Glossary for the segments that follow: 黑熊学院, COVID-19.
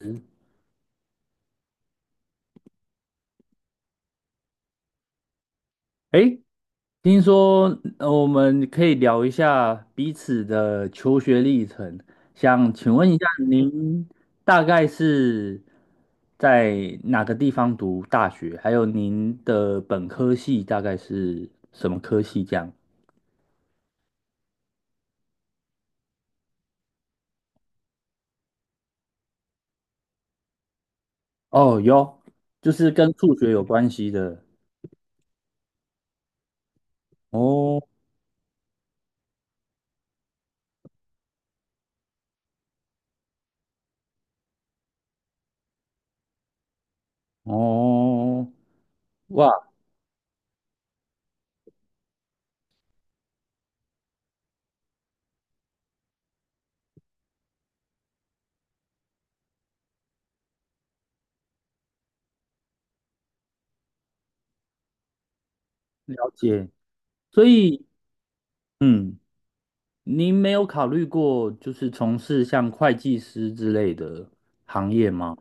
嗯，诶，听说我们可以聊一下彼此的求学历程，想请问一下您大概是在哪个地方读大学？还有您的本科系大概是什么科系？这样哦，有，就是跟数学有关系的。哦哦，哇，了解。所以，嗯。您没有考虑过就是从事像会计师之类的行业吗？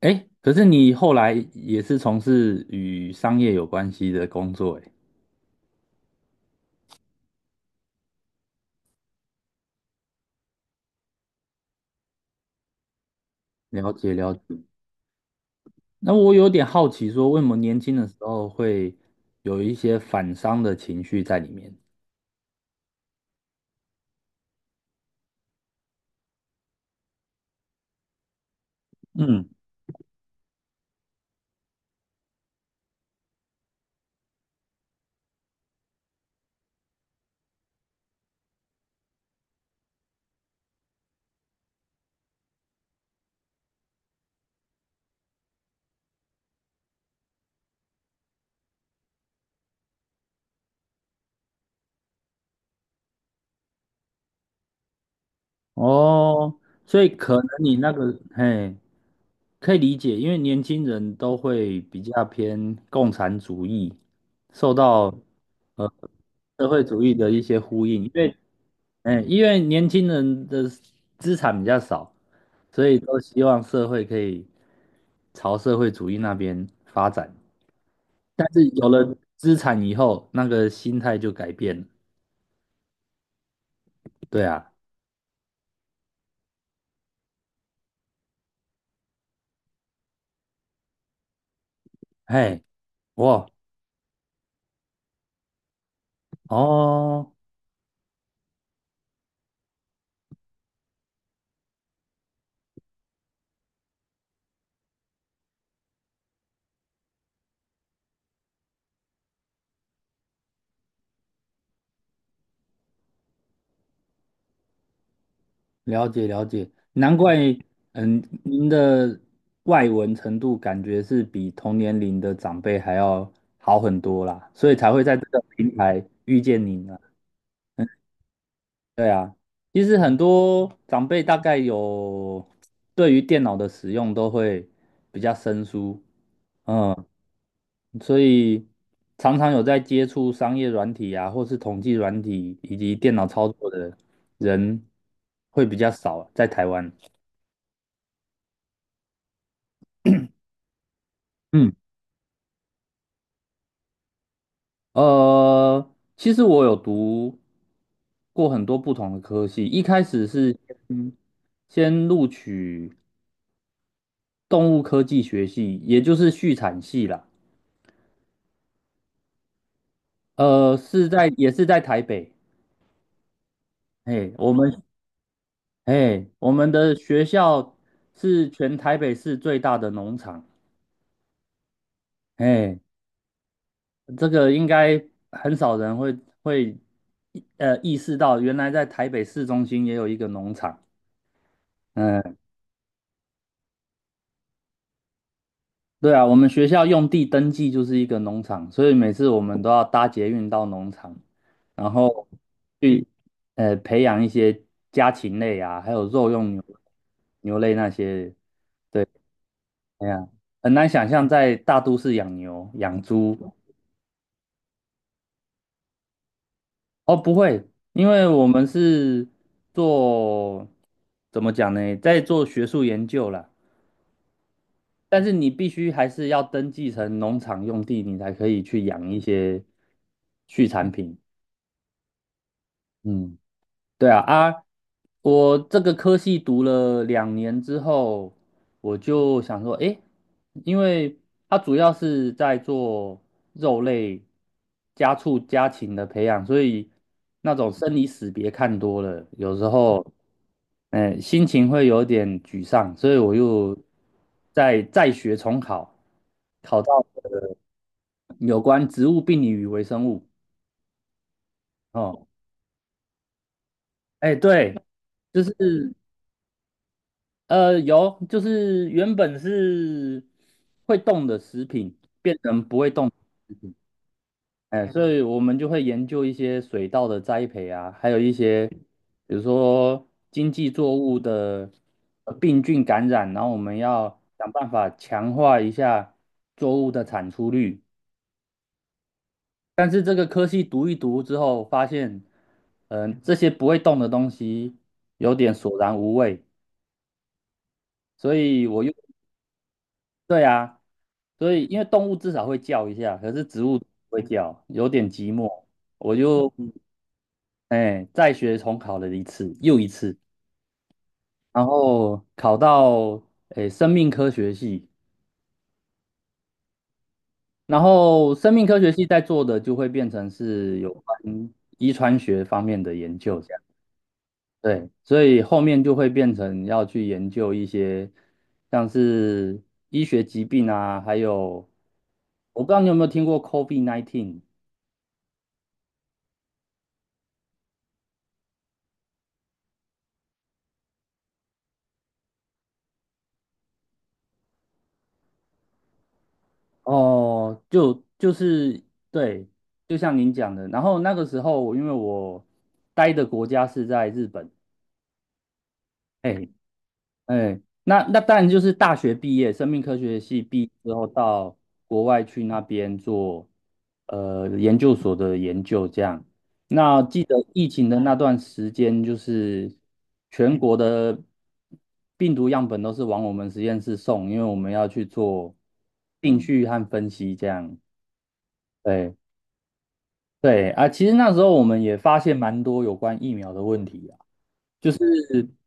哎，可是你后来也是从事与商业有关系的工作，哎，了解了解。那我有点好奇，说为什么年轻的时候会有一些反商的情绪在里面？嗯，哦，所以可能你那个，嘿，可以理解，因为年轻人都会比较偏共产主义，受到。呃。社会主义的一些呼应，因为，嗯，因为年轻人的资产比较少，所以都希望社会可以朝社会主义那边发展。但是有了资产以后，那个心态就改变了。对啊，嘿，哇，哦，了解了解，难怪，嗯，您的外文程度感觉是比同年龄的长辈还要好很多啦，所以才会在这个平台遇见您啊。对啊，其实很多长辈大概有对于电脑的使用都会比较生疏，嗯，所以常常有在接触商业软体啊，或是统计软体以及电脑操作的人会比较少，在台湾。嗯，呃，其实我有读过很多不同的科系，一开始是先先录取动物科技学系，也就是畜产系啦。呃，是在也是在台北，哎，我们哎，我们的学校是全台北市最大的农场，哎，这个应该很少人会会意识到，原来在台北市中心也有一个农场。嗯，对啊，我们学校用地登记就是一个农场，所以每次我们都要搭捷运到农场，然后去呃培养一些家禽类啊，还有肉用牛类那些。哎呀，很难想象在大都市养牛、养猪。哦，不会，因为我们是做，怎么讲呢，在做学术研究啦。但是你必须还是要登记成农场用地，你才可以去养一些畜产品。嗯，对啊，啊，我这个科系读了两年之后，我就想说，诶，因为它主要是在做肉类、家畜、家禽的培养，所以那种生离死别看多了，有时候，嗯、心情会有点沮丧，所以我又再学重考，考到有关植物病理与微生物。哦，哎，对，就是呃，有，就是原本是会动的食品，哎，嗯所以我们就会研究一些水稻的栽培啊，还有一些比如说经济作物的呃病菌感染，然后我们要想办法强化一下作物的产出率。但是这个科系读一读之后，发现，嗯、这些不会动的东西有点索然无味，所以我又对啊。所以因为动物至少会叫一下，可是植物不会叫，有点寂寞。我就哎再学重考了一次，又一次，然后考到哎生命科学系，然后生命科学系在做的就会变成是有关遗传学方面的研究，这样对，所以后面就会变成要去研究一些像是医学疾病啊，还有我不知道你有没有听过 COVID-19。哦，就就是对，就像您讲的，然后那个时候，因为我待的国家是在日本，哎哎，那那当然就是大学毕业，生命科学系毕业之后到国外去那边做呃研究所的研究，这样。那记得疫情的那段时间，就是全国的病毒样本都是往我们实验室送，因为我们要去做定序和分析，这样。对。对啊，其实那时候我们也发现蛮多有关疫苗的问题啊。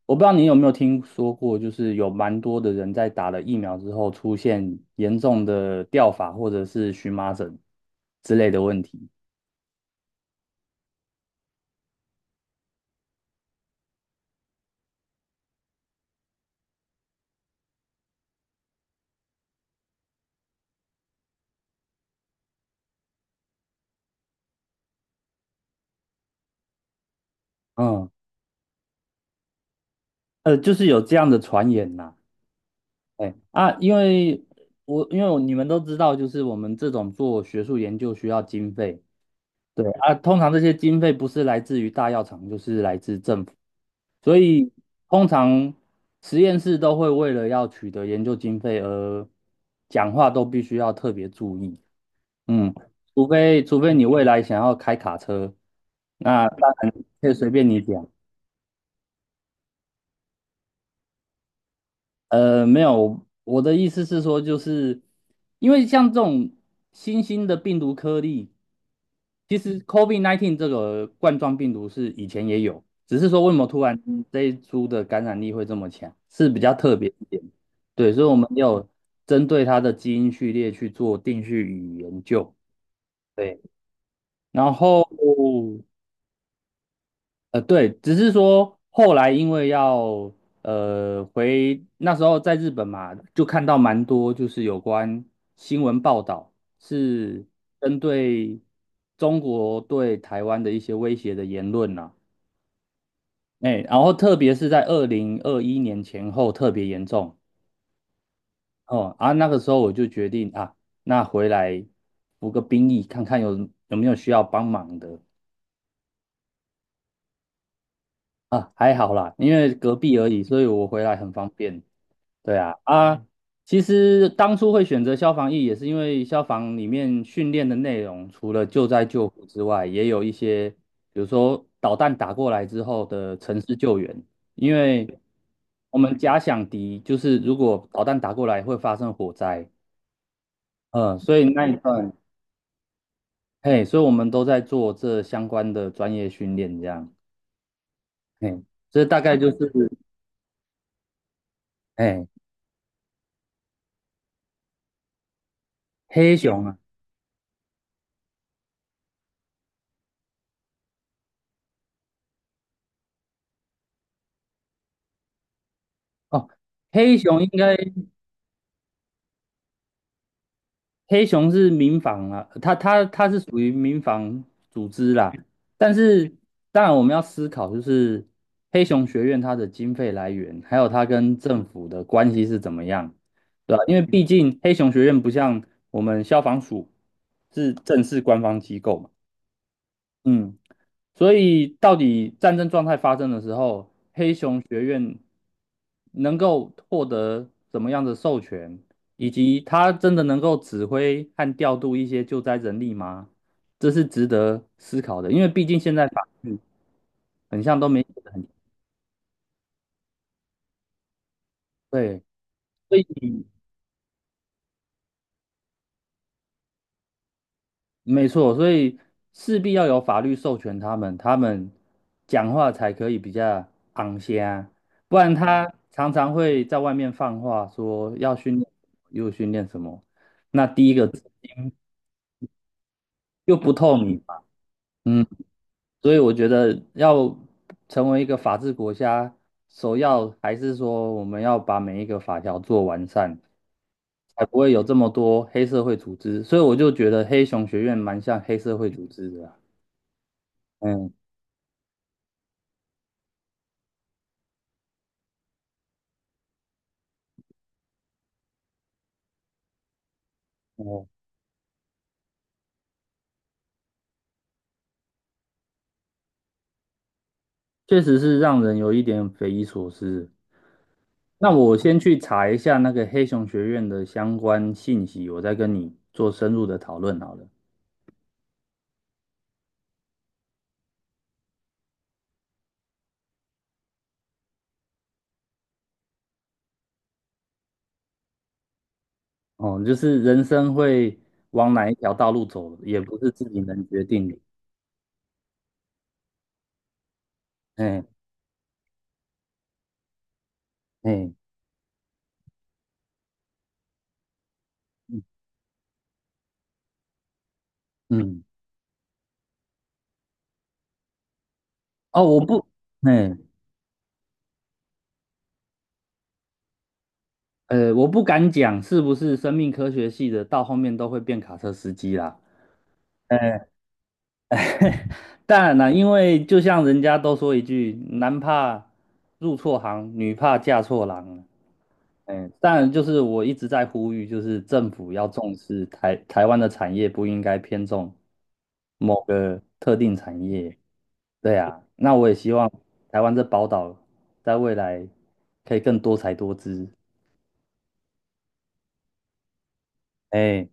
我不知道你有没有听说过，就是有蛮多的人在打了疫苗之后出现严重的掉发或者是荨麻疹之类的问题。嗯，呃，就是有这样的传言呐、哎啊，因为我你们都知道，就是我们这种做学术研究需要经费，对啊，通常这些经费不是来自于大药厂，就是来自政府，所以通常实验室都会为了要取得研究经费而讲话都必须要特别注意，嗯，除非你未来想要开卡车，那大家可以随便你讲，呃，没有，我的意思是说，就是因为像这种新兴的病毒颗粒，其实 COVID-19 这个冠状病毒是以前也有，只是说为什么突然嗯这一株的感染力会这么强，是比较特别一点。对，所以我们有针对它的基因序列去做定序与研究。对，然后呃，对，只是说后来因为要呃回那时候在日本嘛，就看到蛮多就是有关新闻报道是针对中国对台湾的一些威胁的言论呐、哎，然后特别是在2021年前后特别严重哦啊，那个时候我就决定啊，那回来服个兵役，看看有没有需要帮忙的啊，还好啦，因为隔壁而已，所以我回来很方便。对啊，啊，嗯其实当初会选择消防役，也是因为消防里面训练的内容，除了救灾救护之外，也有一些，比如说导弹打过来之后的城市救援，因为我们假想敌就是如果导弹打过来会发生火灾，嗯，所以那一段，嘿，所以我们都在做这相关的专业训练，这样，嘿，这大概就是，嘿，黑熊啊，哦，黑熊应该。黑熊是民防啊，它是属于民防组织啦。但是，当然我们要思考，就是黑熊学院它的经费来源，还有它跟政府的关系是怎么样，对吧？因为毕竟黑熊学院不像我们消防署是正式官方机构嘛，嗯。所以，到底战争状态发生的时候，黑熊学院能够获得怎么样的授权，以及它真的能够指挥和调度一些救灾人力吗？这是值得思考的，因为毕竟现在法律很像都没写得很对，所以没错，所以势必要有法律授权他们，他们讲话才可以比较昂些不然嗯他常常会在外面放话说要训练，又训练什么，那第一个又不透明嘛，嗯，所以我觉得要成为一个法治国家，首要还是说我们要把每一个法条做完善，才不会有这么多黑社会组织，所以我就觉得黑熊学院蛮像黑社会组织的啊，嗯。嗯确实是让人有一点匪夷所思。那我先去查一下那个黑熊学院的相关信息，我再跟你做深入的讨论好了。哦，就是人生会往哪一条道路走，也不是自己能决定的。哎哎嗯嗯，哦，我不，哎呃，我不敢讲是不是生命科学系的到后面都会变卡车司机啦。哎，当然啦，因为就像人家都说一句，男怕入错行，女怕嫁错郎。嗯，当然就是我一直在呼吁，就是政府要重视台湾的产业，不应该偏重某个特定产业。对啊，那我也希望台湾这宝岛在未来可以更多才多姿。哎。